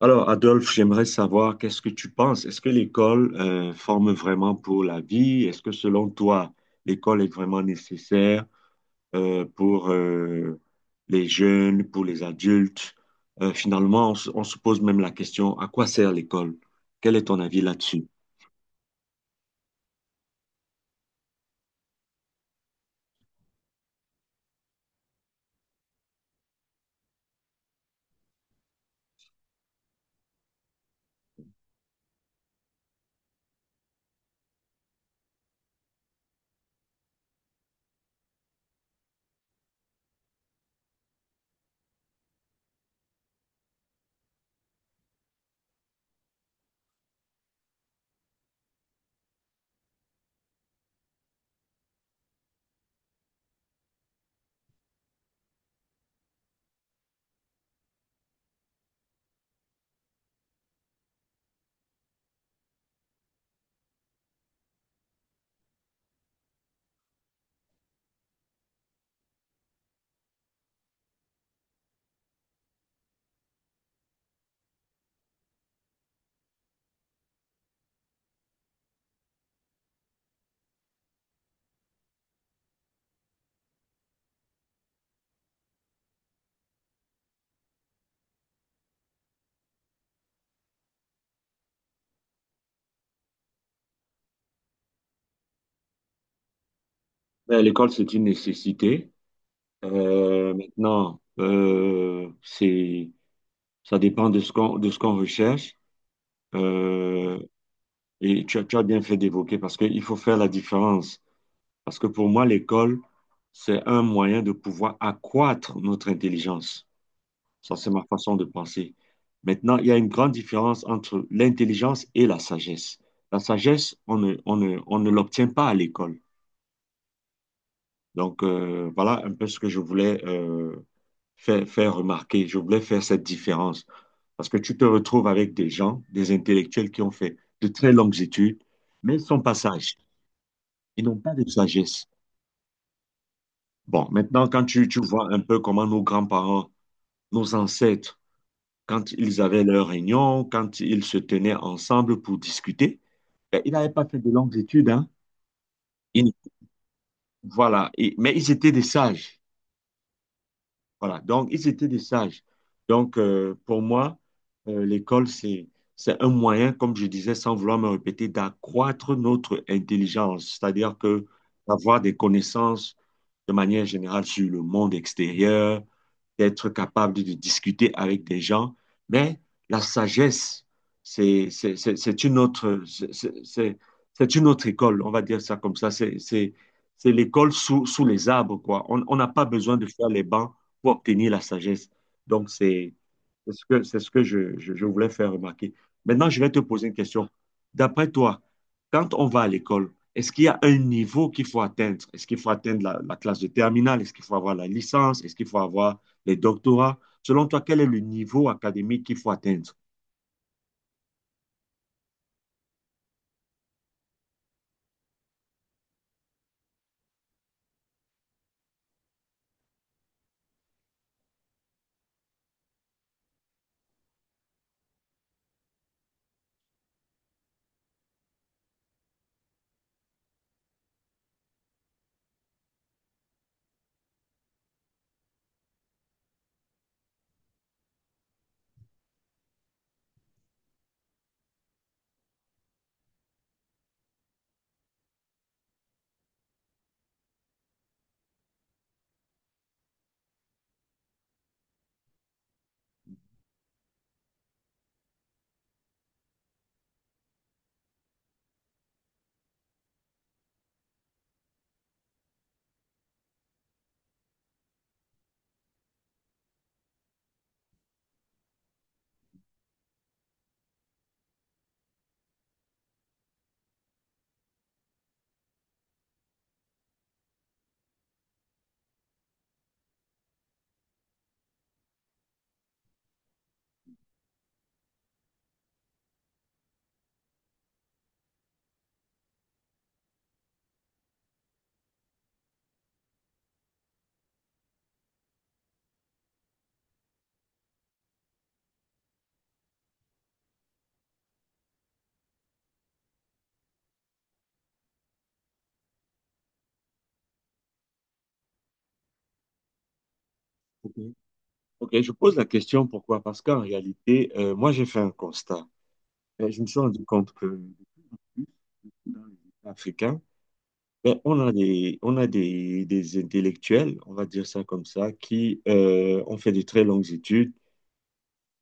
Alors, Adolphe, j'aimerais savoir qu'est-ce que tu penses? Est-ce que l'école forme vraiment pour la vie? Est-ce que selon toi, l'école est vraiment nécessaire pour les jeunes, pour les adultes? Finalement, on se pose même la question, à quoi sert l'école? Quel est ton avis là-dessus? Ben, l'école, c'est une nécessité. Maintenant, c'est, ça dépend de ce qu'on recherche. Euh, et tu as bien fait d'évoquer parce qu'il faut faire la différence. Parce que pour moi, l'école, c'est un moyen de pouvoir accroître notre intelligence. Ça, c'est ma façon de penser. Maintenant, il y a une grande différence entre l'intelligence et la sagesse. La sagesse, on ne l'obtient pas à l'école. Donc, voilà un peu ce que je voulais faire, faire remarquer. Je voulais faire cette différence. Parce que tu te retrouves avec des gens, des intellectuels qui ont fait de très longues études, mais ils sont pas sages. Ils n'ont pas de sagesse. Bon, maintenant, quand tu vois un peu comment nos grands-parents, nos ancêtres, quand ils avaient leurs réunions, quand ils se tenaient ensemble pour discuter, ben, ils n'avaient pas fait de longues études, hein. Ils- voilà. Et mais ils étaient des sages. Voilà, donc ils étaient des sages. Donc, pour moi, l'école, c'est un moyen, comme je disais, sans vouloir me répéter, d'accroître notre intelligence, c'est-à-dire que d'avoir des connaissances de manière générale sur le monde extérieur, d'être capable de discuter avec des gens, mais la sagesse, c'est une autre, c'est une autre école, on va dire ça comme ça. C'est l'école sous les arbres, quoi. On n'a pas besoin de faire les bancs pour obtenir la sagesse. Donc, c'est c'est ce que je voulais faire remarquer. Maintenant, je vais te poser une question. D'après toi, quand on va à l'école, est-ce qu'il y a un niveau qu'il faut atteindre? Est-ce qu'il faut atteindre la classe de terminale? Est-ce qu'il faut avoir la licence? Est-ce qu'il faut avoir les doctorats? Selon toi, quel est le niveau académique qu'il faut atteindre? Ok. Ok, je pose la question pourquoi? Parce qu'en réalité, moi, j'ai fait un constat. Je me suis rendu compte que dans les États africains, ben, des intellectuels, on va dire ça comme ça, qui ont fait de très longues études,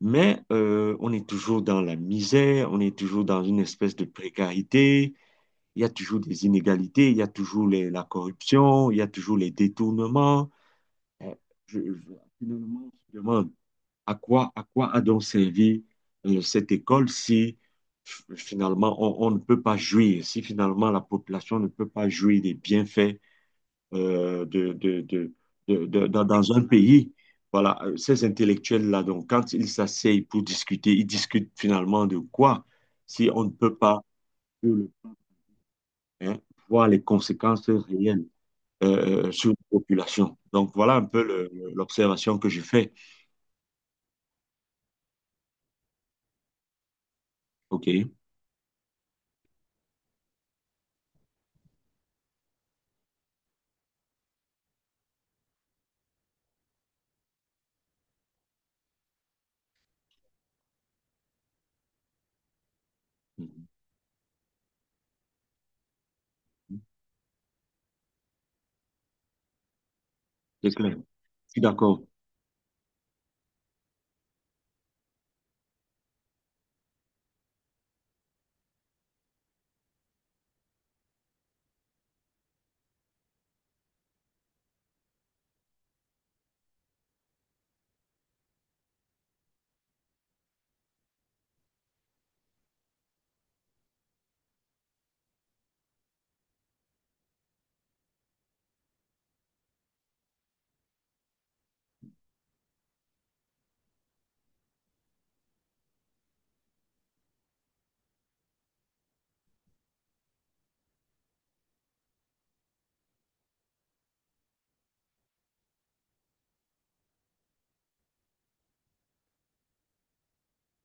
mais on est toujours dans la misère, on est toujours dans une espèce de précarité, il y a toujours des inégalités, il y a toujours la corruption, il y a toujours les détournements. Euh, je- je- Finalement, on se demande à quoi a donc servi cette école si finalement on ne peut pas jouir, si finalement la population ne peut pas jouir des bienfaits euh, de, de- de- dans un pays. Voilà, ces intellectuels-là, donc, quand ils s'asseyent pour discuter, ils discutent finalement de quoi? Si on ne peut pas euh, hein, voir les conséquences réelles sur la population. Donc, voilà un peu l'observation que je fais. OK. Mhm. C'est clair. Je suis d'accord.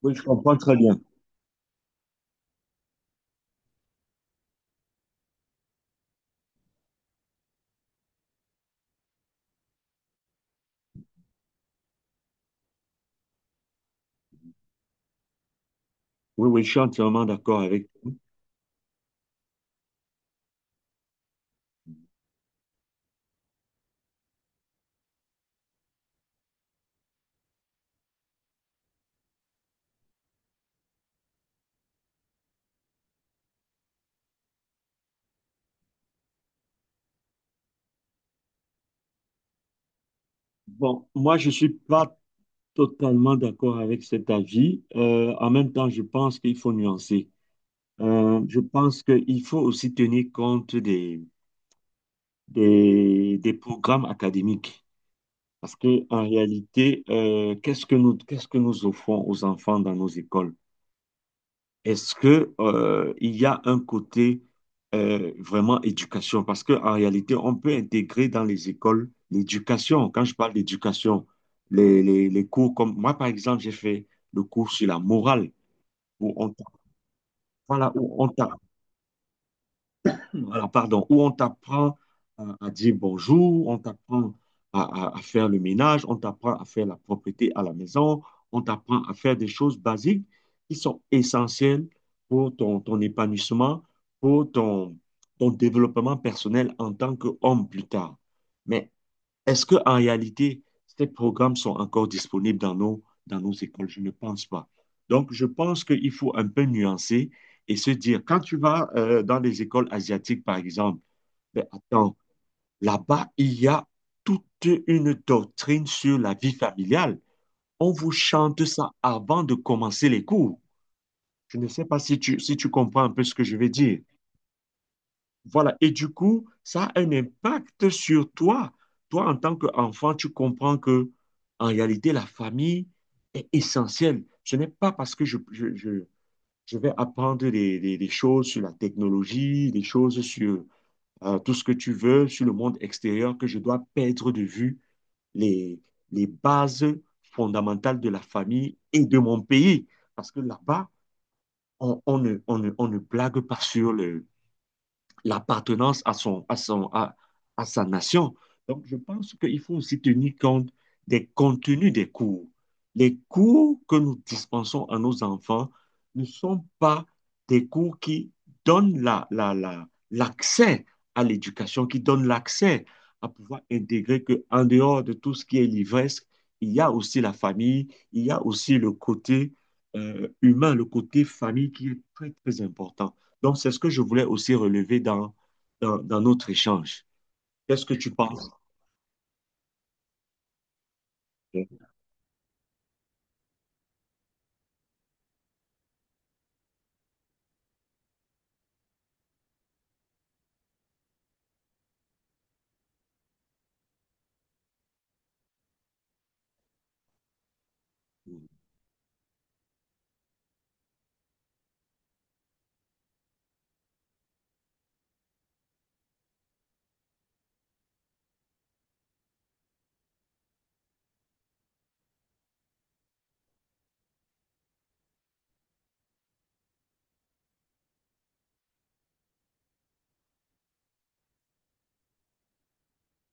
Oui, je comprends très bien. Oui, oui, je suis entièrement d'accord avec. Bon, moi, je ne suis pas totalement d'accord avec cet avis. En même temps, je pense qu'il faut nuancer. Je pense qu'il faut aussi tenir compte des programmes académiques. Parce que, en réalité, qu'est-ce que nous offrons aux enfants dans nos écoles? Est-ce que, il y a un côté, vraiment éducation? Parce que, en réalité, on peut intégrer dans les écoles l'éducation. Quand je parle d'éducation, les cours comme, moi, par exemple, j'ai fait le cours sur la morale, où voilà, où on t'a alors pardon, où on t'apprend à dire bonjour, on t'apprend à, à faire le ménage, on t'apprend à faire la propreté à la maison, on t'apprend à faire des choses basiques qui sont essentielles pour ton épanouissement, pour ton, ton développement personnel en tant qu'homme plus tard. Mais est-ce que en réalité, ces programmes sont encore disponibles dans dans nos écoles? Je ne pense pas. Donc, je pense qu'il faut un peu nuancer et se dire, quand tu vas dans les écoles asiatiques, par exemple, ben, attends, là-bas, il y a toute une doctrine sur la vie familiale. On vous chante ça avant de commencer les cours. Je ne sais pas si si tu comprends un peu ce que je veux dire. Voilà. Et du coup, ça a un impact sur toi. Toi, en tant qu'enfant, tu comprends que, en réalité, la famille est essentielle. Ce n'est pas parce que je vais apprendre des choses sur la technologie, des choses sur tout ce que tu veux, sur le monde extérieur, que je dois perdre de vue les, les bases fondamentales de la famille et de mon pays. Parce que là-bas, on ne blague pas sur le l'appartenance à son, à son, à sa nation. Donc, je pense qu'il faut aussi tenir compte des contenus des cours. Les cours que nous dispensons à nos enfants ne sont pas des cours qui donnent l'accès à l'éducation, qui donnent l'accès à pouvoir intégrer qu'en dehors de tout ce qui est livresque, il y a aussi la famille, il y a aussi le côté humain, le côté famille qui est très, très important. Donc, c'est ce que je voulais aussi relever dans notre échange. Qu'est-ce que tu penses?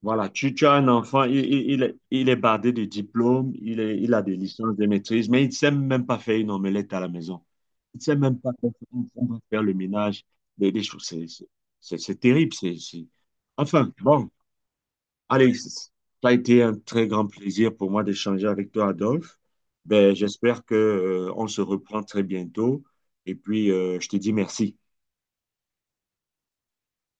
Voilà, tu as un enfant, il est bardé de diplômes, il a des licences, des maîtrises, mais il ne sait même pas faire une omelette à la maison. Il ne sait même pas faire, faire le ménage, des choses. C'est terrible. Enfin, bon, allez, ça a été un très grand plaisir pour moi d'échanger avec toi, Adolphe. Ben, j'espère que, on se reprend très bientôt. Et puis, je te dis merci.